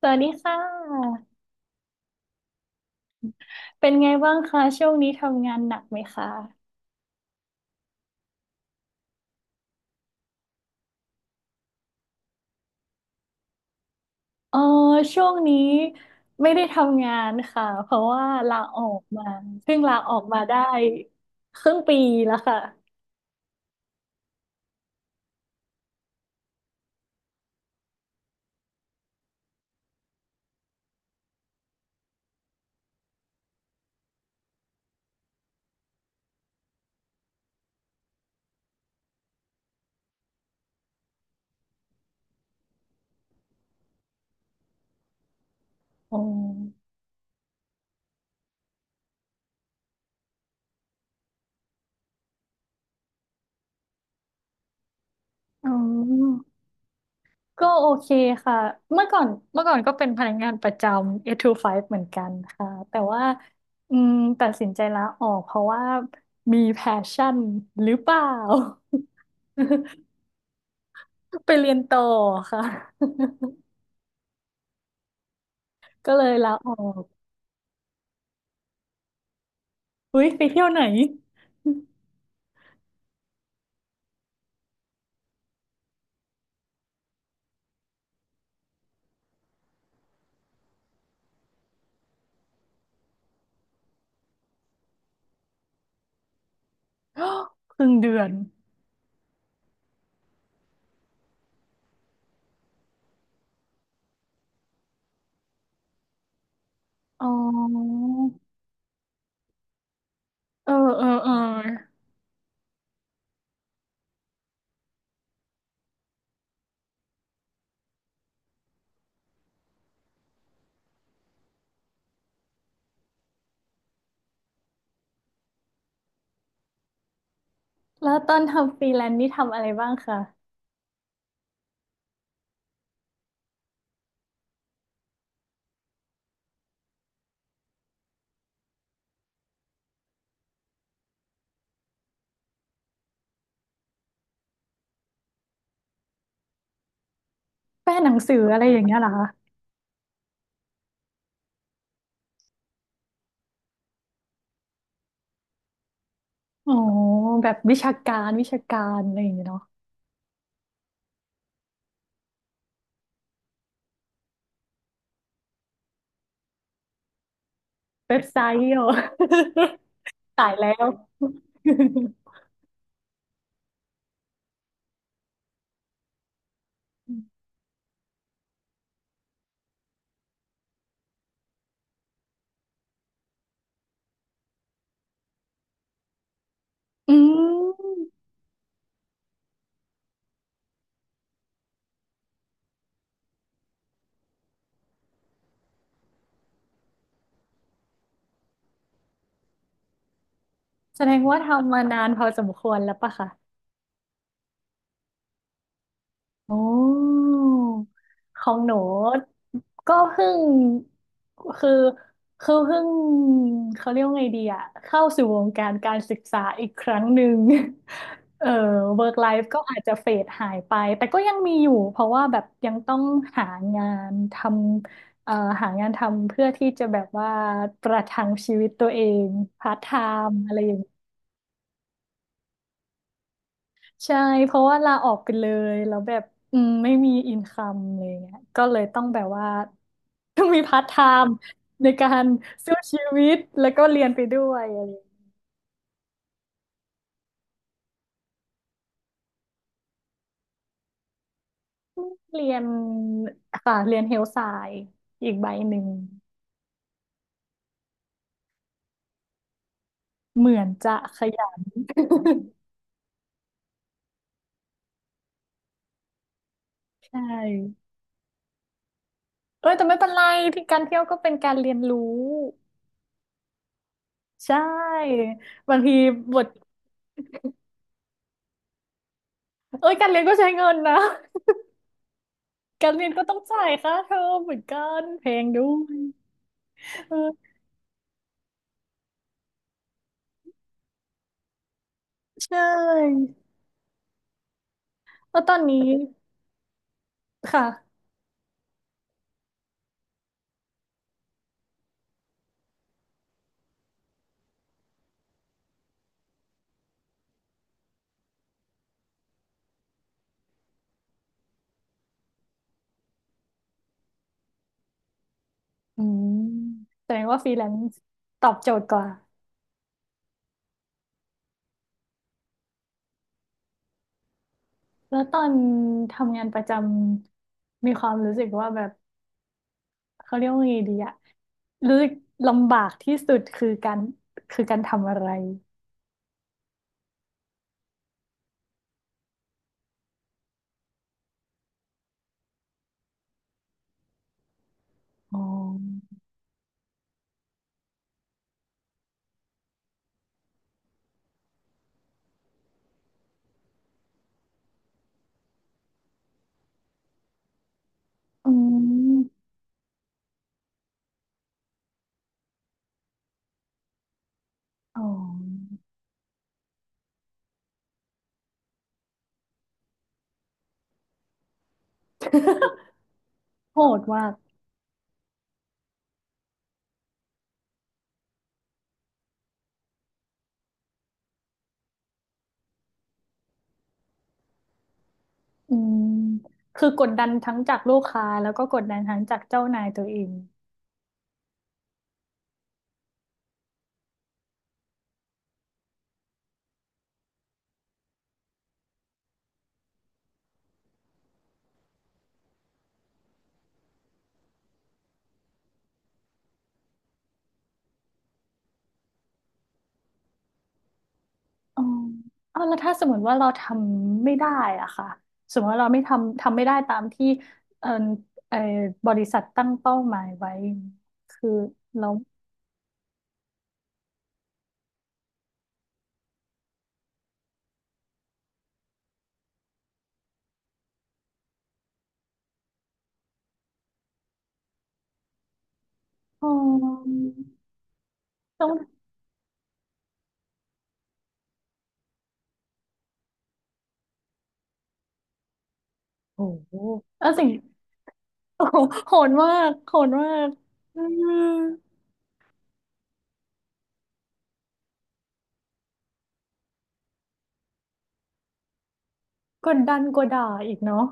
สวัสดีค่ะ เป็นไงบ้างคะช่วงนี้ทำงานหนักไหมคะเออช่วงนี้ไม่ได้ทำงานค่ะเพราะว่าลาออกมาเพิ่งลาออกมาได้ครึ่งปีแล้วค่ะอืมอืมก็โอเคค่ะเมื่อก่อนก็เป็นพนักงานประจำ8 to 5เหมือนกันค่ะแต่ว่าอืมตัดสินใจลาออกเพราะว่ามีแพชชั่นหรือเปล่า ไปเรียนต่อค่ะ ก็เลยลาออกอุ๊ยไปเที่ยวไหน ครึ่งเดือนอ๋อเออเออเออแล้วตอนทำฟรีแลนซ์นี่ทำอะไรบ้างคะแปลหนังสืออะไรอย่างเงี้ยเหรอคะอ๋อแบบวิชาการวิชาการอะไรอย่างเงี้ยเนาะเว็บไซต์เหรอ ตายแล้ว อืมแสดงว่าทำมานานพอสมควรแล้วปะคะ โอ้ของหนูก็เพิ่งคือคือเพิ่งเขาเรียกว่าไงดีอะเข้าสู่วงการการศึกษาอีกครั้งหนึ่ง เออ work life ก็อาจจะเฟดหายไปแต่ก็ยังมีอยู่เพราะว่าแบบยังต้องหางานทำหางานทำเพื่อที่จะแบบว่าประทังชีวิตตัวเองพาร์ทไทม์อะไรอย่าง ใช่ เพราะว่าลาออกไปเลย แล้วแบบอืมไม่มีอินคัมอะไรเงี้ยก็เลยต้องแบบว่าต้องมีพาร์ทไทม์ในการสู้ชีวิตแล้วก็เรียนไปด้วยอะไรอย่างเงี้ยเรียนค่ะเรียนเฮลไซน์อีกใบหนึ่งเหมือนจะขยัน ใช่เอ้ยแต่ไม่เป็นไรที่การเที่ยวก็เป็นการเรียนรู้ใช่บางทีบทเอ้ยการเรียนก็ใช้เงินนะการเรียนก็ต้องจ่ายค่าเทอมเหมือนกันแพงด้วยเออ ใช่ แล้วตอนนี้ค่ะอืมแสดงว่าฟรีแลนซ์ตอบโจทย์กว่าแล้วตอนทำงานประจำมีความรู้สึกว่าแบบเขาเรียกว่าไงดีอะรู้สึกลำบากที่สุดคือการคือการทำอะไรอ๋ออืมอ๋อโหดมาก อืม คือกดดันทั้งจากลูกค้าแล้วก็กดดันทั้งจากเจ้านายตัวเอง อ๋อเอาแล้วถ้าสมมติว่าเราทำไม่ได้อะค่ะสมมติว่าเราไม่ทำทำไม่ได้ตามที่เออเออบริษัทตั้งเป้าหมายไว้ คือเราอ๋อต้องโอ้โหเออสิ่งโอ้โหโหดมากโหดมากอืมกดดันกว่าด่าอีกเนาะ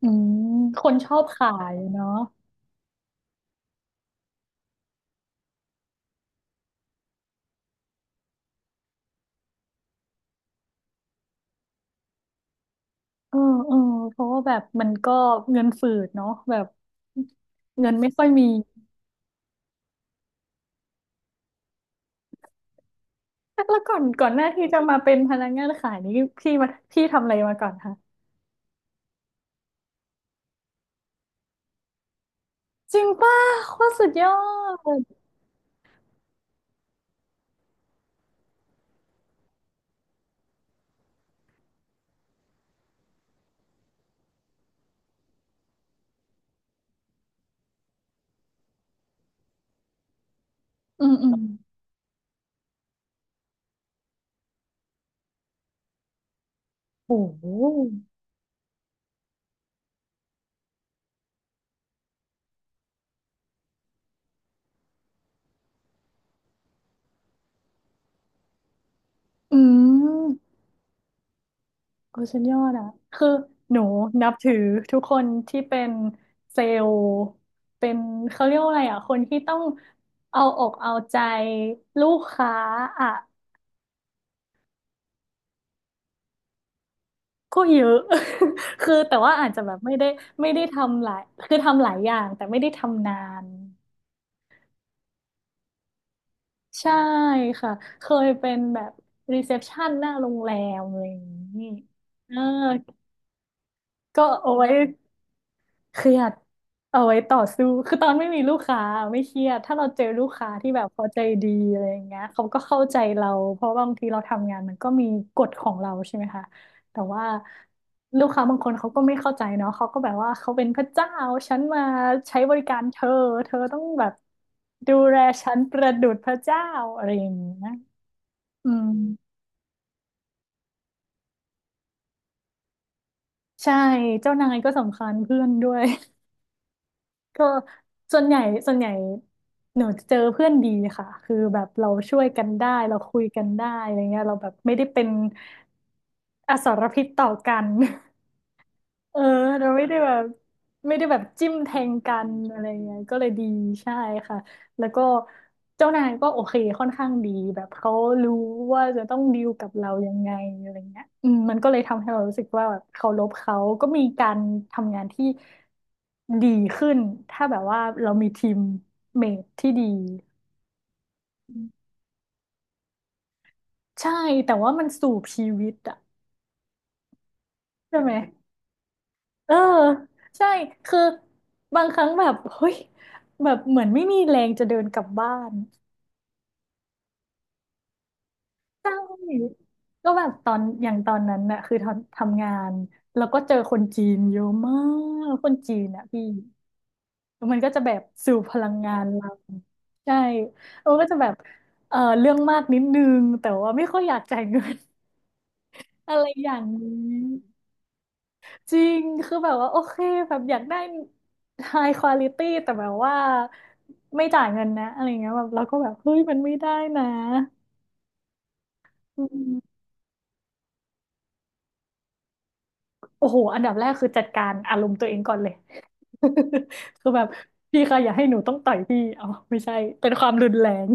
อืมคนชอบขายเนาะเออเออเพราะว่าแบบมันก็เงินฝืดเนาะแบบเงินไม่ค่อยมี แล้วก่อนก่อนหน้าที่จะมาเป็นพนักงานขายนี้พี่มาพี่ทำอะไรมาก่อนคะจริงป่ะโคตรสุดยอดอืมอืมโอ้โหอืมโอ้สุดยอดอ่ะคือหนูนับถือทุกคนที่เป็นเซลล์เป็นเขาเรียกว่าอะไรอ่ะคนที่ต้องเอาอกเอาใจลูกค้าอ่ะก็เยอะ คือแต่ว่าอาจจะแบบไม่ได้ทำหลายคือทำหลายอย่างแต่ไม่ได้ทำนาน ใช่ค่ะเคยเป็นแบบรีเซพชันหน้าโรงแรมอะไรอย่างนี้เออก็เอาไว้เครียดเอาไว้ต่อสู้คือตอนไม่มีลูกค้าไม่เครียดถ้าเราเจอลูกค้าที่แบบเขาใจดีอะไรอย่างเงี้ยเขาก็เข้าใจเรา เพราะบางทีเราทำงานมันก็มีกฎของเราใช่ไหมคะแต่ว่าลูกค้าบางคนเขาก็ไม่เข้าใจเนาะเขาก็แบบว่าเขาเป็นพระเจ้าฉันมาใช้บริการเธอ เธอต้องแบบดูแลฉันประดุจพระเจ้าอะไรอย่างเงี้ย อืมใช่เจ้านายก็สำคัญเพื่อนด้วย ก็ส่วนใหญ่ส่วนใหญ่หนูเจอเพื่อนดีค่ะคือแบบเราช่วยกันได้เราคุยกันได้อะไรเงี้ยเราแบบไม่ได้เป็นอสรพิษต่อกัน เออเราไม่ได้แบบไม่ได้แบบจิ้มแทงกันอะไรเงี้ยก็เลยดีใช่ค่ะแล้วก็เจ้านายก็โอเคค่อนข้างดีแบบเขารู้ว่าจะต้องดีลกับเรายังไงอะไรเงี้ยอืมมันก็เลยทำให้เรารู้สึกว่าแบบเคารพเขาก็มีการทำงานที่ดีขึ้นถ้าแบบว่าเรามีทีมเมทที่ดีใช่แต่ว่ามันสู่ชีวิตอะใช่ไหม เออใช่คือบางครั้งแบบเฮ้ยแบบเหมือนไม่มีแรงจะเดินกลับบ้านใช่ก็แบบตอนอย่างตอนนั้นน่ะคือทำงานแล้วก็เจอคนจีนเยอะมากคนจีนน่ะพี่แล้วมันก็จะแบบสูบพลังงานเราใช่มันก็จะแบบเออเรื่องมากนิดนึงแต่ว่าไม่ค่อยอยากจ่ายเงิน อะไรอย่างนี้ จริงคือแบบว่าโอเคแบบอยากได้ high quality แต่แบบว่าไม่จ่ายเงินนะอะไรเงี้ยแบบเราก็แบบเฮ้ยมันไม่ได้นะอืมโอ้โหอันดับแรกคือจัดการอารมณ์ตัวเองก่อนเลย คือแบบพี่คะอย่าให้หนูต้องต่อยพี่เอาไม่ใช่เป็นความรุนแรง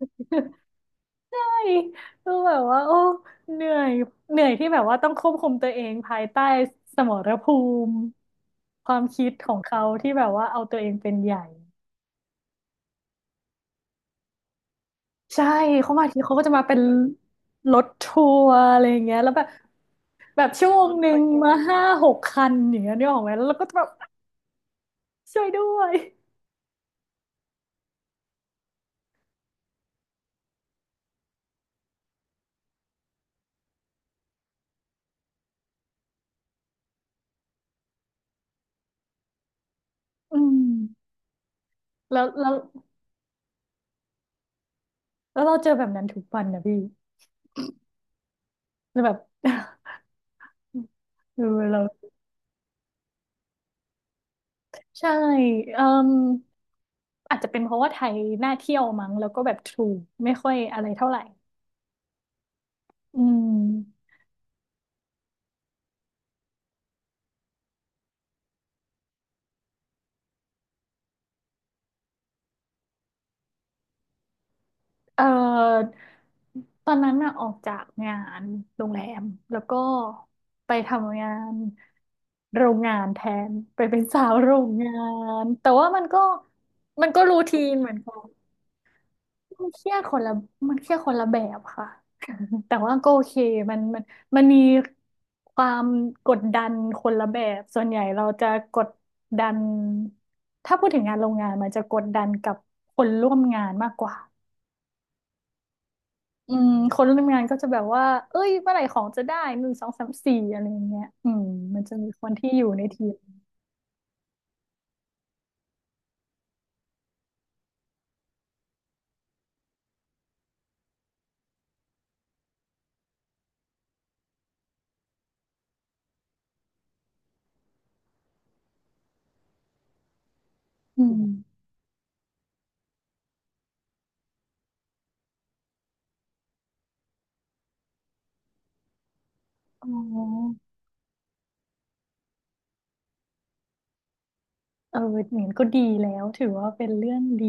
ใช่คือแบบว่าโอ้เหนื่อยเหนื่อยที่แบบว่าต้องควบคุมตัวเองภายใต้สมรภูมิความคิดของเขาที่แบบว่าเอาตัวเองเป็นใหญ่ ใช่เขามาทีเขาก็จะมาเป็นรถทัวร์อะไรอย่างเงี้ยแล้วแบบแบบชั่วโมงหนึ่งมาห้าหกคันอย่างเงี้ยนึกออกไหมแล้วเราก็จะแบบช่วยด้วยอืมแล้วแล้วแล้วเราเจอแบบนั้นทุกวันนะพี่แล้วแบบ เออเราใช่เอ่มอาจจะเป็นเพราะว่าไทยน่าเที่ยวมั้งแล้วก็แบบถูกไม่ค่อยอะไรเท่าไหร่อืม เอ่อตอนนั้นน่ะออกจากงานโรงแรมแล้วก็ไปทำงานโรงงานแทนไปเป็นสาวโรงงานแต่ว่ามันก็มันก็รูทีนเหมือนกันมันเครียดคนละมันเครียดคนละแบบค่ะ แต่ว่าก็โอเคมันมันมันมีความกดดันคนละแบบส่วนใหญ่เราจะกดดันถ้าพูดถึงงานโรงงานมันจะกดดันกับคนร่วมงานมากกว่า อืมคนร่วมงานก็จะแบบว่า เอ้ยเมื่อไหร่ของจะได้หนึ่งสองสามสี่อะไรอย่างเงี้ยอืมมันจะมีคนที่อยู่ในทีมอืมอ๋อเออเหมือนก็ดีแล้ว ถือว่าเป็นเรื่องดี